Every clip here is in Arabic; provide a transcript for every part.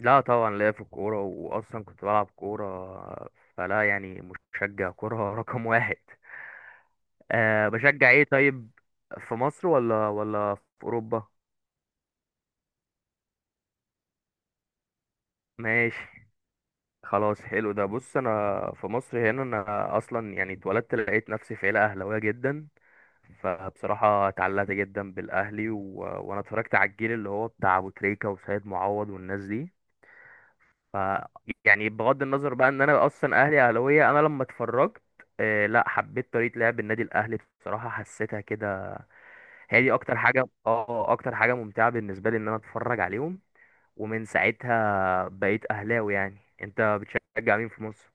لا طبعا ليا في الكورة، وأصلا كنت بلعب كورة فلا يعني مشجع كورة رقم واحد. أه بشجع ايه طيب، في مصر ولا في أوروبا؟ ماشي، خلاص حلو ده. بص أنا في مصر هنا، أنا أصلا يعني اتولدت لقيت نفسي في عيلة أهلاوية جدا، فبصراحة اتعلقت جدا بالأهلي وأنا اتفرجت على الجيل اللي هو بتاع أبو تريكة وسيد معوض والناس دي. ف يعني بغض النظر بقى ان انا اصلا اهلي اهلاويه، انا لما اتفرجت لا حبيت طريقه لعب النادي الاهلي بصراحه، حسيتها كده. هي دي اكتر حاجه، اكتر حاجه ممتعه بالنسبه لي، ان انا اتفرج عليهم، ومن ساعتها بقيت اهلاوي. يعني انت بتشجع مين في مصر؟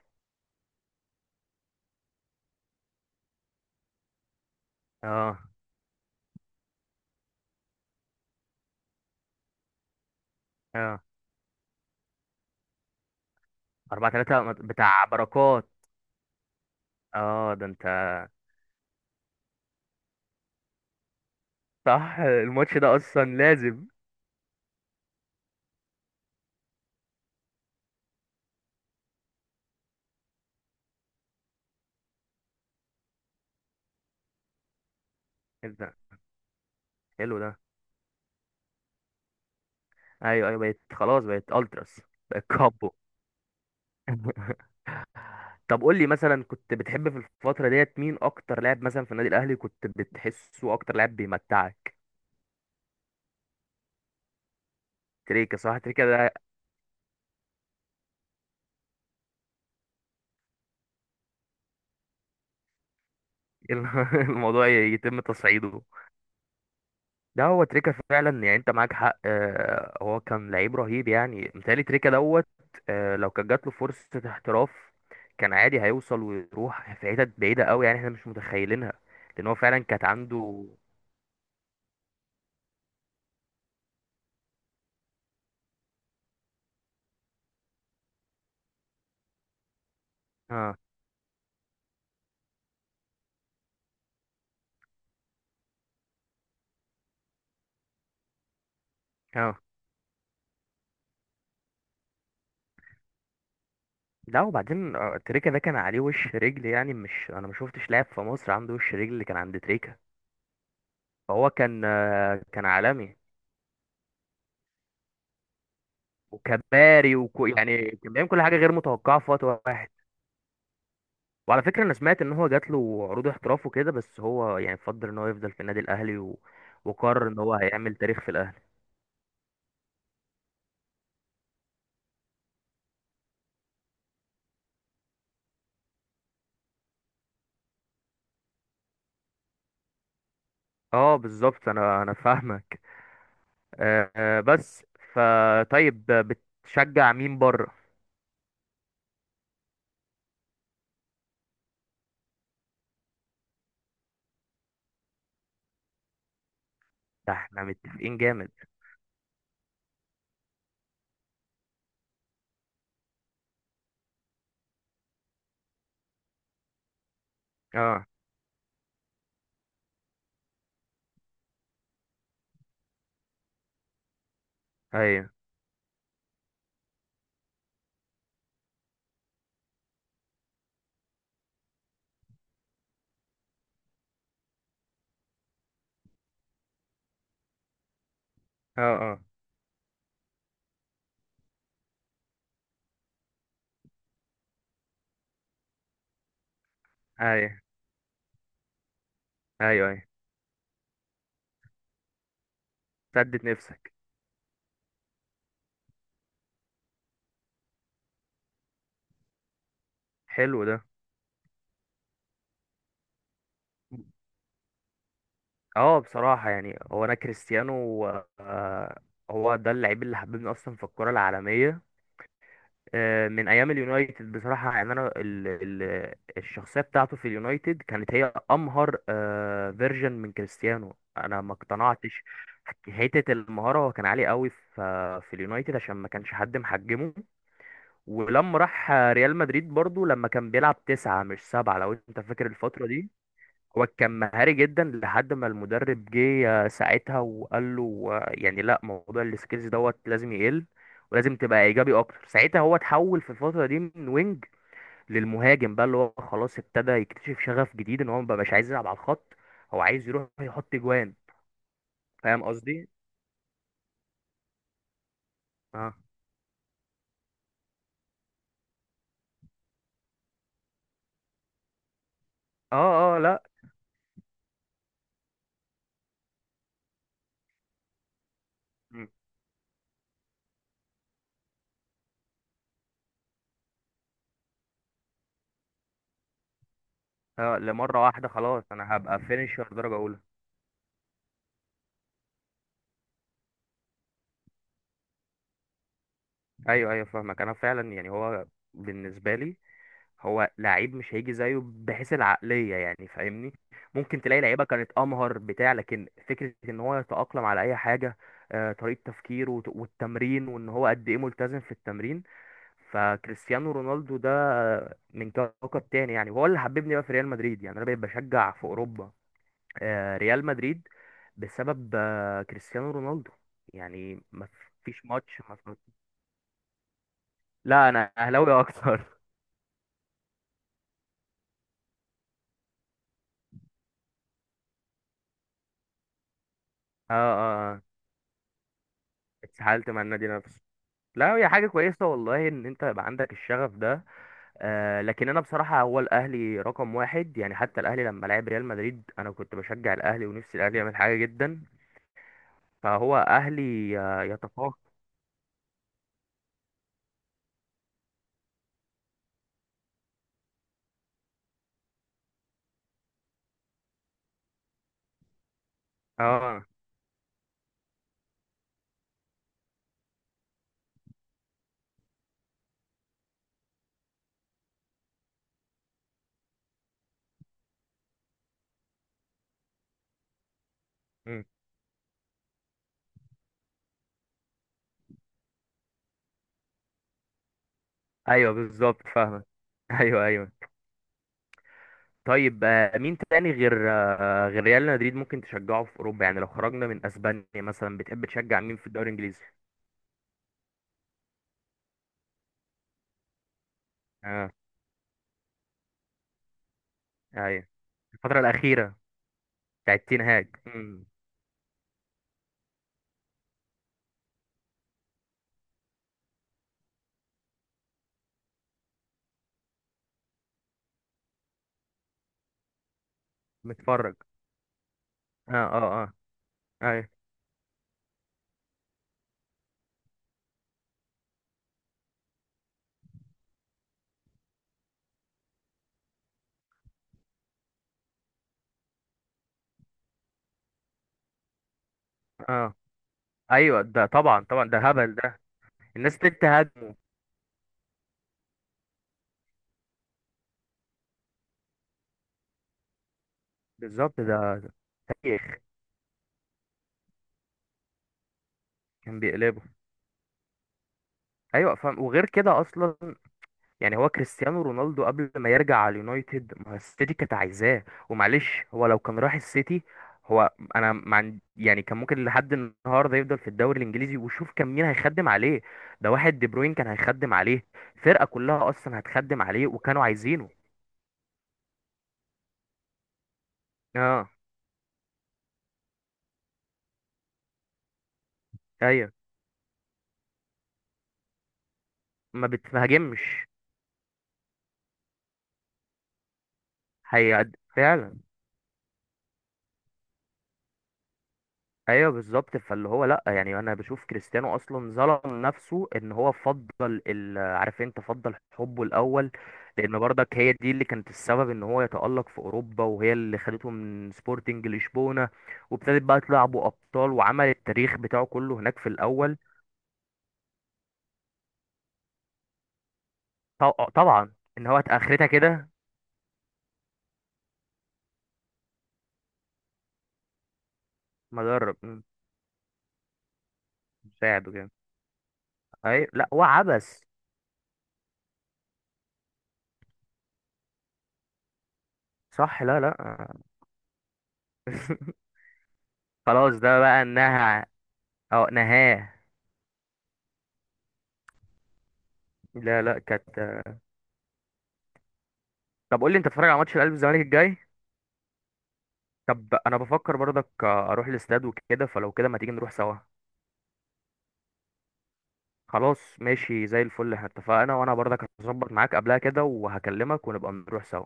اه، اه، 4-3 بتاع بركات. اه ده انت. صح، الماتش ده اصلا لازم. إيه ده، حلو ده. ايوه، ايوه، بقيت خلاص، بقيت التراس، بقيت كابو. طب قول لي مثلا، كنت بتحب في الفترة ديت مين أكتر لاعب مثلا في النادي الأهلي؟ كنت بتحسه أكتر لاعب بيمتعك؟ تريكة، صح، تريكة ده. الموضوع يتم تصعيده. ده هو تريكة فعلا، يعني أنت معاك حق. هو كان لعيب رهيب، يعني متهيألي تريكة دوت. لو كانت جات له فرصة احتراف، كان عادي هيوصل ويروح في حتت بعيدة أوي يعني، احنا مش متخيلينها، لأن هو فعلا كانت عنده. اه، آه. لا وبعدين، تريكا ده كان عليه وش رجل، يعني مش انا ما شفتش لاعب في مصر عنده وش رجل اللي كان عند تريكا. فهو كان عالمي، وكباري وكو آه. يعني كان بيعمل كل حاجه غير متوقعه في وقت واحد. وعلى فكره انا سمعت ان هو جات له عروض احتراف وكده، بس هو يعني فضل ان هو يفضل في النادي الاهلي وقرر ان هو هيعمل تاريخ في الاهلي. اه بالظبط، انا فاهمك. بس فطيب، بتشجع مين بره؟ ده احنا متفقين جامد. اه، ايوه. اه، اه. ايوه، ايوه، أيوه. سدد نفسك. حلو ده. اه بصراحة، يعني هو انا كريستيانو، آه، هو ده اللعيب اللي حببني اصلا في الكرة العالمية. من ايام اليونايتد بصراحة، يعني انا ال ال الشخصية بتاعته في اليونايتد كانت هي امهر، فيرجن من كريستيانو انا ما اقتنعتش. حتة المهارة هو كان عالي قوي في اليونايتد، عشان ما كانش حد محجمه. ولما راح ريال مدريد برضو، لما كان بيلعب تسعة مش سبعة، لو انت فاكر الفترة دي، هو كان مهاري جدا لحد ما المدرب جه ساعتها وقال له، يعني لا، موضوع السكيلز دوت لازم يقل، ولازم تبقى ايجابي اكتر. ساعتها هو اتحول في الفتره دي من وينج للمهاجم بقى، اللي هو خلاص ابتدى يكتشف شغف جديد، ان هو مبقاش عايز يلعب على الخط، هو عايز يروح يحط جوان. فاهم قصدي؟ اه، اه، اه. لا. م. لمره واحده خلاص، انا هبقى فينيشر درجه اولى. ايوه، ايوه، فاهمك. انا فعلا يعني هو بالنسبه لي، هو لعيب مش هيجي زيه بحيث العقلية، يعني فاهمني، ممكن تلاقي لعيبة كانت أمهر بتاع، لكن فكرة إن هو يتأقلم على أي حاجة، طريقة تفكيره والتمرين، وإن هو قد إيه ملتزم في التمرين، فكريستيانو رونالدو ده من كوكب تاني يعني. وهو اللي حببني بقى في ريال مدريد، يعني أنا بقيت بشجع في أوروبا ريال مدريد بسبب كريستيانو رونالدو. يعني ما فيش ماتش ما فوت- لا أنا أهلاوي أكتر. اه، اه، آه. اتسحلت مع النادي نفسه. لا هي حاجة كويسة والله، إن أنت يبقى عندك الشغف ده. لكن أنا بصراحة هو الأهلي رقم واحد يعني، حتى الأهلي لما لعب ريال مدريد، أنا كنت بشجع الأهلي ونفسي الأهلي يعمل حاجة جدا، فهو أهلي يتفوق. آه. مم. أيوه بالظبط، فاهمك. أيوه، أيوه. طيب، مين تاني غير غير ريال مدريد ممكن تشجعه في أوروبا؟ يعني لو خرجنا من أسبانيا مثلا، بتحب تشجع مين في الدوري الإنجليزي؟ آه أيوه. الفترة الأخيرة بتاعت تين هاج. مم. متفرج. آه آه آه أيوه. اه، ايوه، ده طبعا، طبعا، ده هبل ده. الناس دي تهاجمه. بالظبط، ده تاريخ. كان بيقلبه. ايوه فاهم. وغير كده اصلا، يعني هو كريستيانو رونالدو قبل ما يرجع على اليونايتد، ما هو السيتي كانت عايزاه، ومعلش هو لو كان راح السيتي، هو انا ما عند- يعني كان ممكن لحد النهارده يفضل في الدوري الانجليزي. وشوف كان مين هيخدم عليه، ده واحد دي بروين كان هيخدم عليه، الفرقه كلها اصلا هتخدم عليه، وكانوا عايزينه. اه، ايوه، ما بتهاجمش. هي فعلا. ايوه بالظبط. فاللي هو لا، يعني انا بشوف كريستيانو اصلا ظلم نفسه، ان هو فضل عارف انت، فضل حبه الاول، لان برضك هي دي اللي كانت السبب ان هو يتألق في اوروبا، وهي اللي خدته من سبورتنج لشبونة، وابتدت بقى تلعبوا ابطال وعمل التاريخ بتاعه كله هناك في الاول. طبعا، ان هو اخرتها كده. مدرب. مساعد وكده. اي لا، هو عبث. صح. لا، لا. خلاص، ده بقى انها اه نهاه. لا، لا، كانت. طب قول لي، انت بتتفرج على ماتش الاهلي والزمالك الجاي؟ طب انا بفكر برضك اروح الاستاد وكده، فلو كده، ما تيجي نروح سوا؟ خلاص ماشي، زي الفل، احنا اتفقنا، وانا برضك هظبط معاك قبلها كده وهكلمك ونبقى نروح سوا.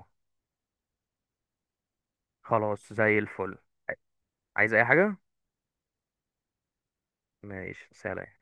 خلاص زي الفل. عايز اي حاجة؟ ماشي، سلام.